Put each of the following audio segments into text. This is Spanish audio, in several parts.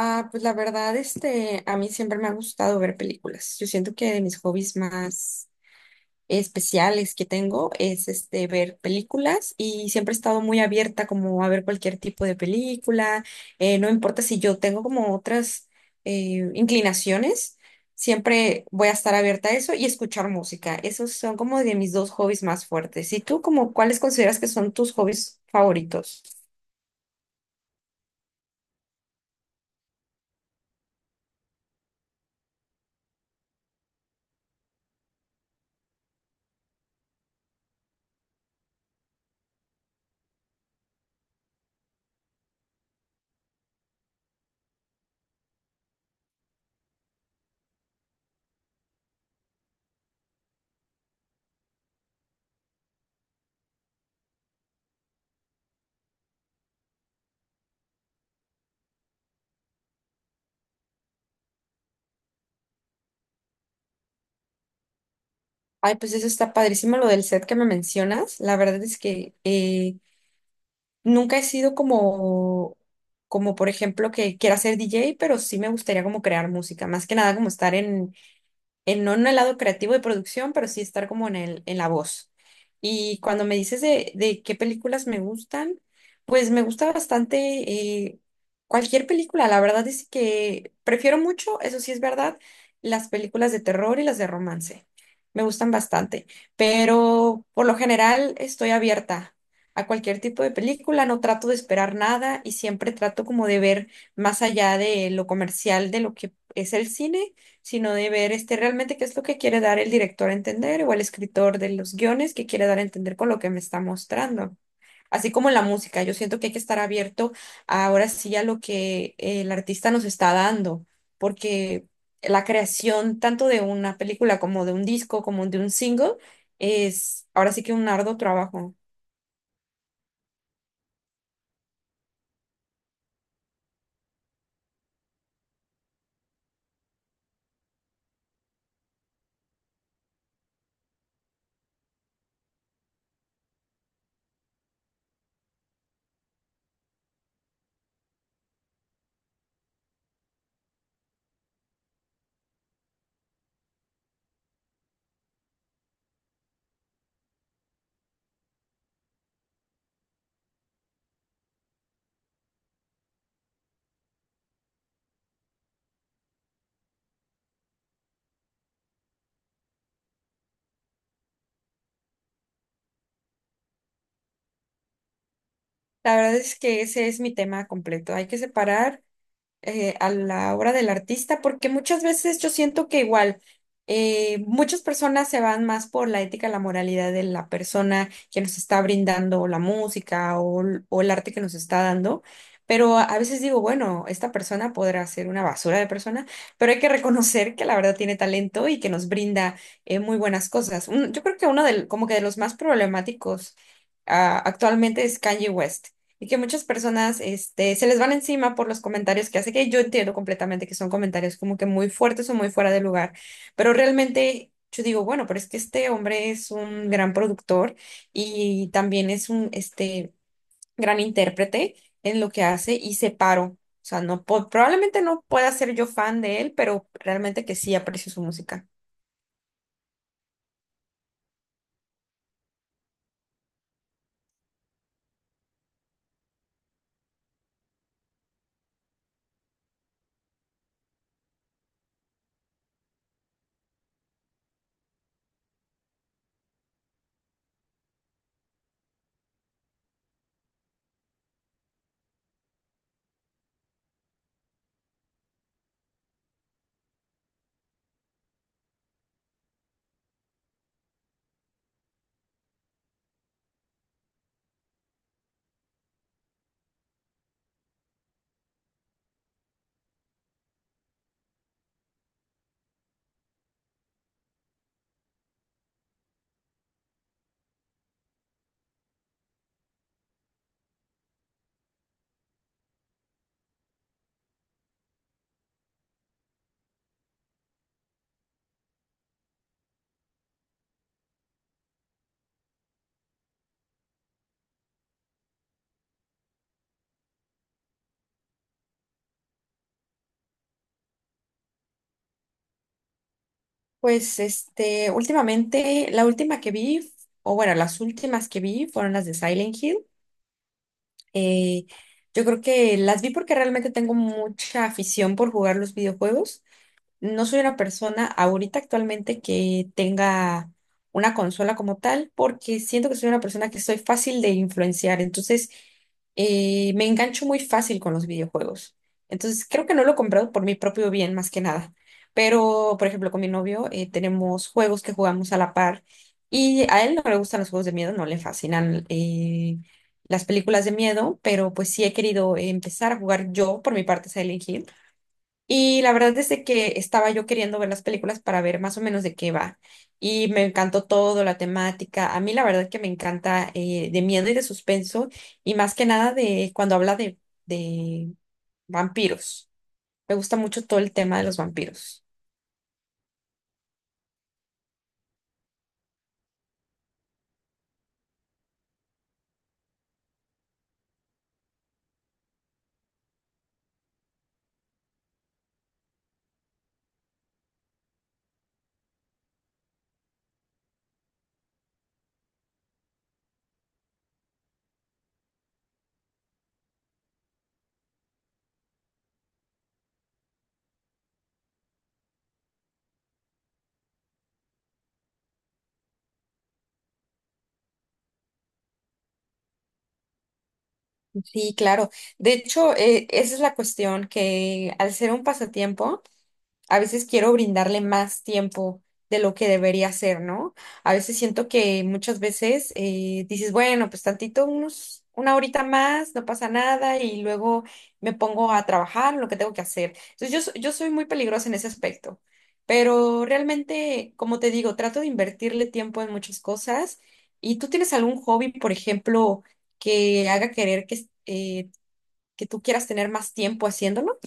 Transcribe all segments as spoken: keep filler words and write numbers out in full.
Ah, pues la verdad, este, a mí siempre me ha gustado ver películas. Yo siento que de mis hobbies más especiales que tengo es este ver películas y siempre he estado muy abierta como a ver cualquier tipo de película. Eh, no importa si yo tengo como otras eh, inclinaciones, siempre voy a estar abierta a eso y escuchar música. Esos son como de mis dos hobbies más fuertes. ¿Y tú como cuáles consideras que son tus hobbies favoritos? Ay, pues eso está padrísimo lo del set que me mencionas. La verdad es que eh, nunca he sido como, como por ejemplo, que quiera ser D J, pero sí me gustaría como crear música, más que nada como estar en, en- no en el lado creativo de producción, pero sí estar como en el, en la voz. Y cuando me dices de, de qué películas me gustan, pues me gusta bastante eh, cualquier película. La verdad es que prefiero mucho, eso sí es verdad, las películas de terror y las de romance. Me gustan bastante, pero por lo general estoy abierta a cualquier tipo de película, no trato de esperar nada y siempre trato como de ver más allá de lo comercial, de lo que es el cine, sino de ver este, realmente qué es lo que quiere dar el director a entender o el escritor de los guiones que quiere dar a entender con lo que me está mostrando. Así como en la música, yo siento que hay que estar abierto ahora sí a lo que el artista nos está dando, porque la creación tanto de una película como de un disco, como de un single, es ahora sí que un arduo trabajo. La verdad es que ese es mi tema completo. Hay que separar eh, a la obra del artista, porque muchas veces yo siento que igual eh, muchas personas se van más por la ética, la moralidad de la persona que nos está brindando la música o, l- o el arte que nos está dando. Pero a a veces digo, bueno, esta persona podrá ser una basura de persona, pero hay que reconocer que la verdad tiene talento y que nos brinda eh, muy buenas cosas. Un- yo creo que uno del, como que de los más problemáticos ah, actualmente es Kanye West. Y que muchas personas, este, se les van encima por los comentarios que hace, que yo entiendo completamente que son comentarios como que muy fuertes o muy fuera de lugar, pero realmente yo digo, bueno, pero es que este hombre es un gran productor y también es un, este, gran intérprete en lo que hace y separo. O sea, no, po- probablemente no pueda ser yo fan de él, pero realmente que sí aprecio su música. Pues, este, últimamente, la última que vi, o bueno, las últimas que vi fueron las de Silent Hill. Eh, yo creo que las vi porque realmente tengo mucha afición por jugar los videojuegos. No soy una persona ahorita actualmente que tenga una consola como tal, porque siento que soy una persona que soy fácil de influenciar. Entonces, eh, me engancho muy fácil con los videojuegos. Entonces, creo que no lo he comprado por mi propio bien, más que nada. Pero, por ejemplo, con mi novio eh, tenemos juegos que jugamos a la par y a él no le gustan los juegos de miedo, no le fascinan eh, las películas de miedo, pero pues sí he querido empezar a jugar yo por mi parte Silent Hill. Y la verdad es de que estaba yo queriendo ver las películas para ver más o menos de qué va. Y me encantó todo, la temática. A mí la verdad que me encanta eh, de miedo y de suspenso y más que nada de cuando habla de, de vampiros. Me gusta mucho todo el tema de los vampiros. Sí, claro. De hecho, eh, esa es la cuestión que al ser un pasatiempo, a veces quiero brindarle más tiempo de lo que debería ser, ¿no? A veces siento que muchas veces eh, dices, bueno, pues tantito, unos, una horita más, no pasa nada, y luego me pongo a trabajar en lo que tengo que hacer. Entonces yo, so- yo soy muy peligrosa en ese aspecto, pero realmente, como te digo, trato de invertirle tiempo en muchas cosas. ¿Y tú tienes algún hobby, por ejemplo, que haga querer que, eh, que tú quieras tener más tiempo haciéndolo?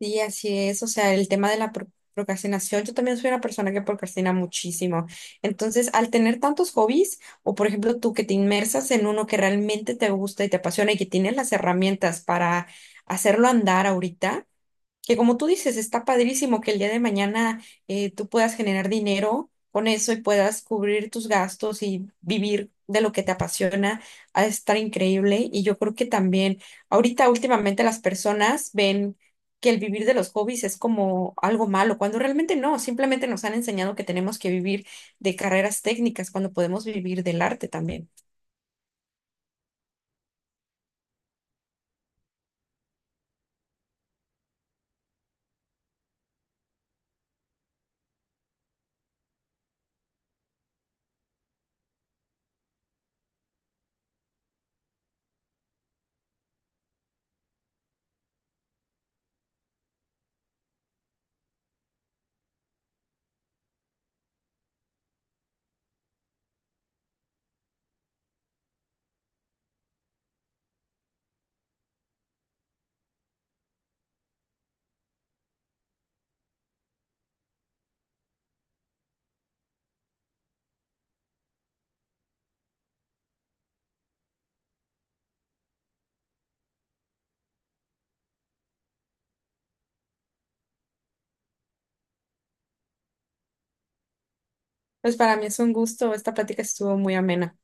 Sí, así es. O sea, el tema de la pro- procrastinación, yo también soy una persona que procrastina muchísimo. Entonces, al tener tantos hobbies, o por ejemplo tú que te inmersas en uno que realmente te gusta y te apasiona y que tienes las herramientas para hacerlo andar ahorita, que como tú dices, está padrísimo que el día de mañana eh, tú puedas generar dinero con eso y puedas cubrir tus gastos y vivir de lo que te apasiona, ha de estar increíble. Y yo creo que también ahorita últimamente las personas ven que el vivir de los hobbies es como algo malo, cuando realmente no, simplemente nos han enseñado que tenemos que vivir de carreras técnicas, cuando podemos vivir del arte también. Pues para mí es un gusto, esta plática estuvo muy amena.